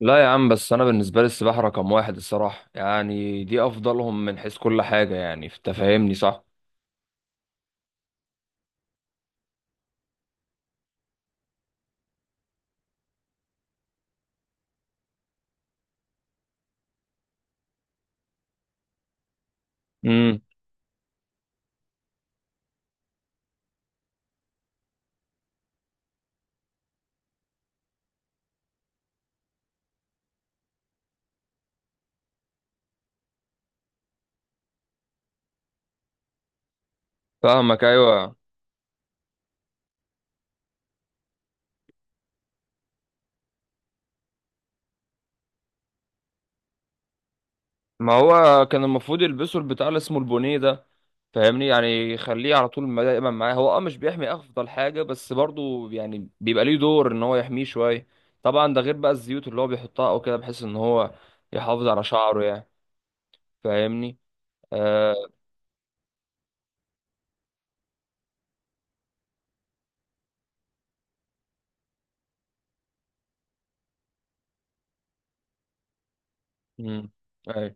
لا يا عم، بس انا بالنسبه لي السباحه رقم واحد الصراحه، يعني دي افضلهم من حيث كل حاجه، يعني انت فاهمني، صح؟ امم. فاهمك، ايوه. ما هو كان المفروض يلبسوا البتاع اللي اسمه البونيه ده. فاهمني؟ يعني يخليه على طول دايما معاه، هو مش بيحمي افضل حاجه، بس برضو يعني بيبقى ليه دور ان هو يحميه شويه. طبعا ده غير بقى الزيوت اللي هو بيحطها او كده، بحيث ان هو يحافظ على شعره يعني. فاهمني؟ آه. امم. اي.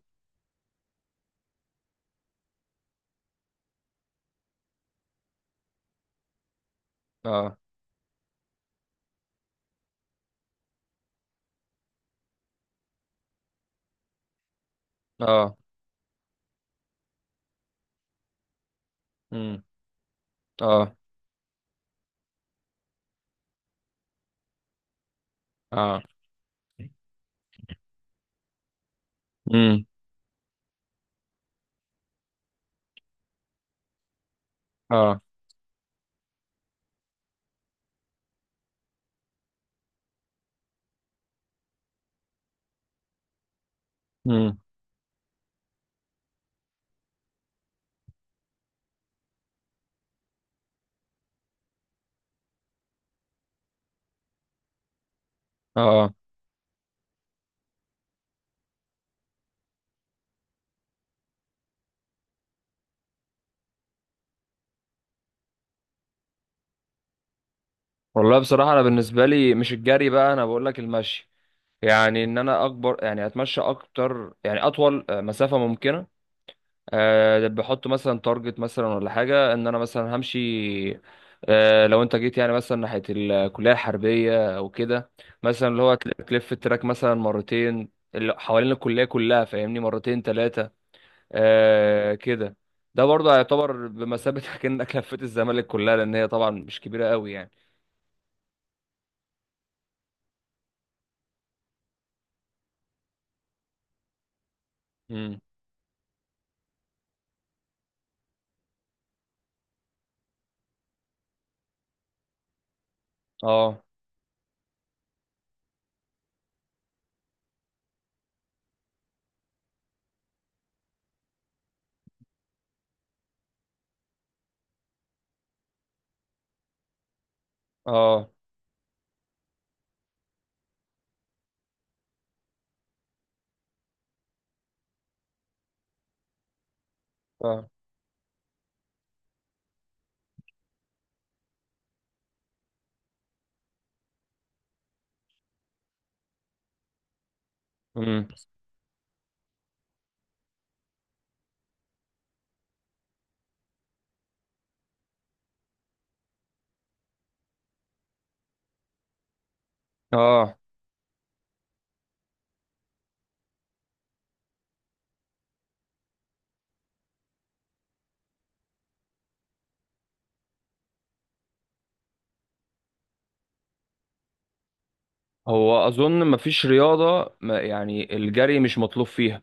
اه. اه. امم. اه. اه. امم. اه. امم. اه. آه. والله بصراحه انا بالنسبه لي مش الجري بقى، انا بقول لك المشي. يعني ان انا اكبر، يعني اتمشى اكتر، يعني اطول مسافه ممكنه. أه، بحط مثلا تارجت مثلا ولا حاجه ان انا مثلا همشي. أه، لو انت جيت يعني مثلا ناحيه الكليه الحربيه او كده، مثلا اللي هو تلف التراك مثلا مرتين، اللي حوالين الكليه كلها، فاهمني؟ مرتين ثلاثه. أه كده. ده برضه هيعتبر بمثابه كأنك لفيت الزمالك كلها، لان هي طبعا مش كبيره قوي. يعني. اه. اه. اه. امم. اه. هو اظن مفيش رياضه، ما يعني الجري مش مطلوب فيها،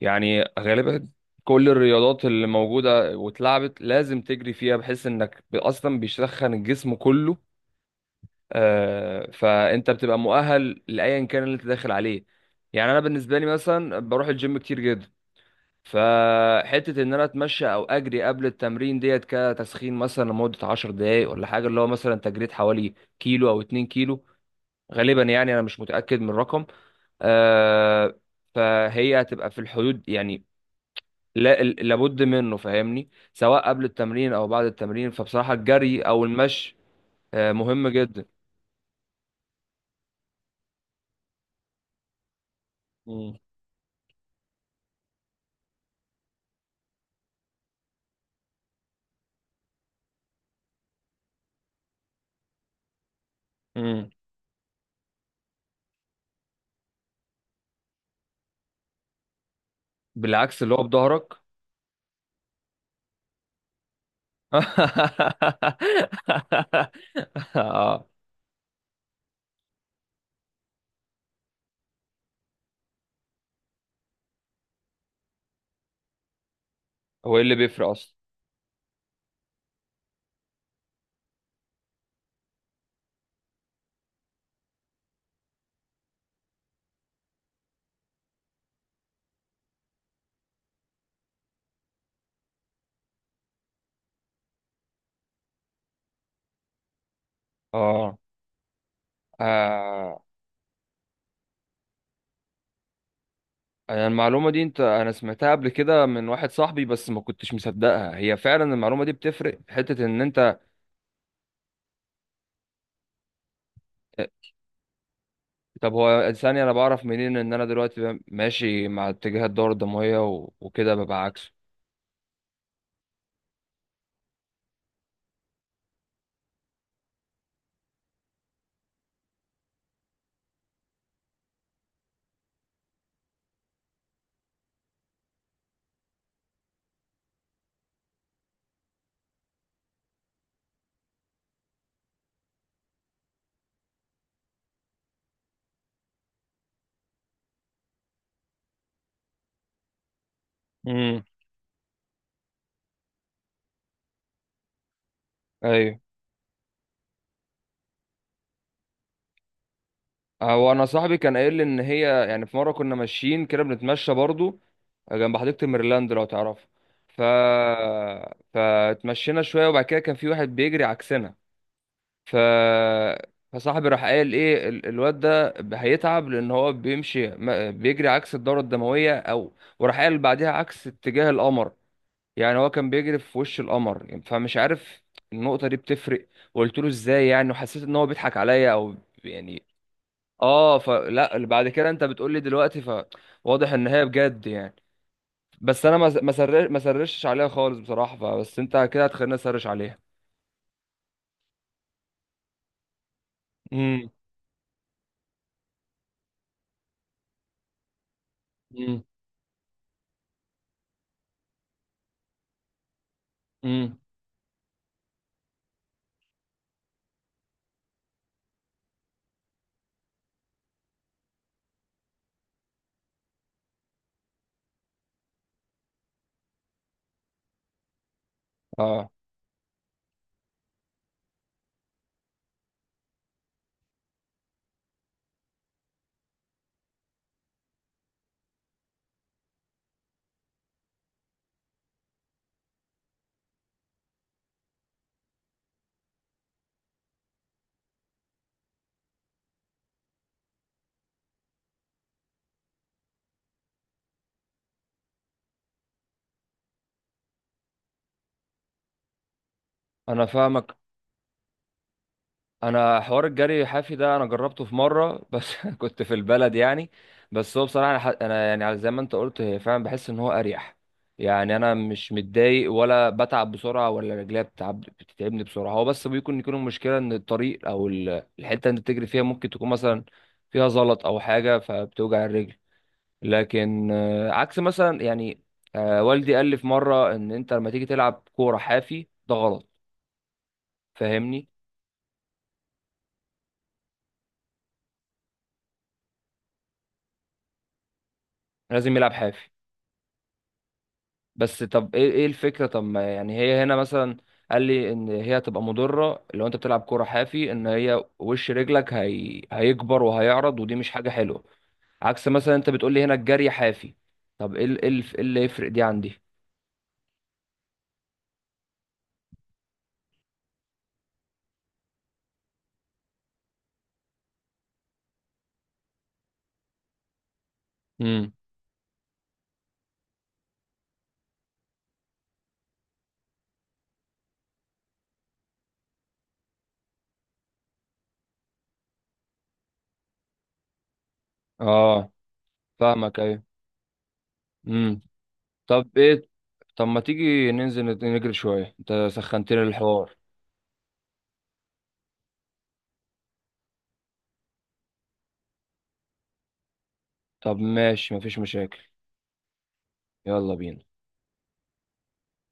يعني غالبا. كل الرياضات اللي موجوده واتلعبت لازم تجري فيها، بحيث انك اصلا بيسخن الجسم كله. آه، فانت بتبقى مؤهل لايا كان اللي انت داخل عليه. يعني انا بالنسبه لي مثلا بروح الجيم كتير جدا، فحتة ان انا اتمشى او اجري قبل التمرين ديت كتسخين، مثلا لمدة 10 دقايق ولا حاجة، اللي هو مثلا تجريت حوالي كيلو او 2 كيلو، غالبا، يعني انا مش متأكد من الرقم. آه. فهي هتبقى في الحدود يعني. لا، لابد منه، فاهمني، سواء قبل التمرين او بعد التمرين، فبصراحة الجري او المشي آه مهم جدا. مم. مم. بالعكس، اللي هو بظهرك. اه. هو ايه اللي بيفرق اصلا؟ اه. آه. انا المعلومه دي انا سمعتها قبل كده من واحد صاحبي، بس ما كنتش مصدقها. هي فعلا المعلومه دي بتفرق في حته ان انت. آه، طب هو ثانيه، انا بعرف منين ان انا دلوقتي ماشي مع اتجاه الدوره الدمويه و... وكده ببقى عكسه؟ امم. ايوه. هو انا صاحبي كان قايل لي ان هي، يعني في مره كنا ماشيين كده بنتمشى برضو جنب حديقه ميرلاند لو تعرف، ف فاتمشينا شويه، وبعد كده كان في واحد بيجري عكسنا، ف فصاحبي راح قال ايه الواد ده هيتعب، لان هو بيمشي ما- بيجري عكس الدوره الدمويه. او، وراح قال بعدها عكس اتجاه القمر، يعني هو كان بيجري في وش القمر يعني، فمش عارف النقطه دي بتفرق. وقلت له ازاي يعني، وحسيت ان هو بيضحك عليا او يعني. اه، فلا بعد كده انت بتقول لي دلوقتي، فواضح ان هي بجد يعني. بس انا ما سرشتش عليها خالص بصراحه، فبس انت كده هتخليني اسرش عليها. امم. امم. امم. اه. انا فاهمك. انا حوار الجري الحافي ده انا جربته في مره بس كنت في البلد يعني. بس هو بصراحه، أنا يعني على زي ما انت قلت، هي فعلا بحس ان هو اريح. يعني انا مش متضايق، ولا بتعب بسرعه، ولا رجليا بتعب بتتعبني بسرعه، هو بس بيكون المشكله ان الطريق او الحته اللي بتجري فيها ممكن تكون مثلا فيها زلط او حاجه فبتوجع الرجل. لكن عكس مثلا يعني، والدي قال لي في مره ان انت لما تيجي تلعب كوره حافي ده غلط. فاهمني؟ لازم يلعب حافي. بس طب ايه الفكره؟ طب ما يعني هي هنا مثلا قال لي ان هي هتبقى مضره لو انت بتلعب كوره حافي، ان وش رجلك هيكبر وهيعرض، ودي مش حاجه حلوه. عكس مثلا انت بتقول لي هنا الجري حافي. طب ايه إيه اللي يفرق دي عندي؟ امم. اه. فاهمك، ايوه. امم. طب ايه؟ طب ما تيجي ننزل نجري شويه، انت سخنتني الحوار. طب ماشي، مفيش مشاكل. يلا بينا.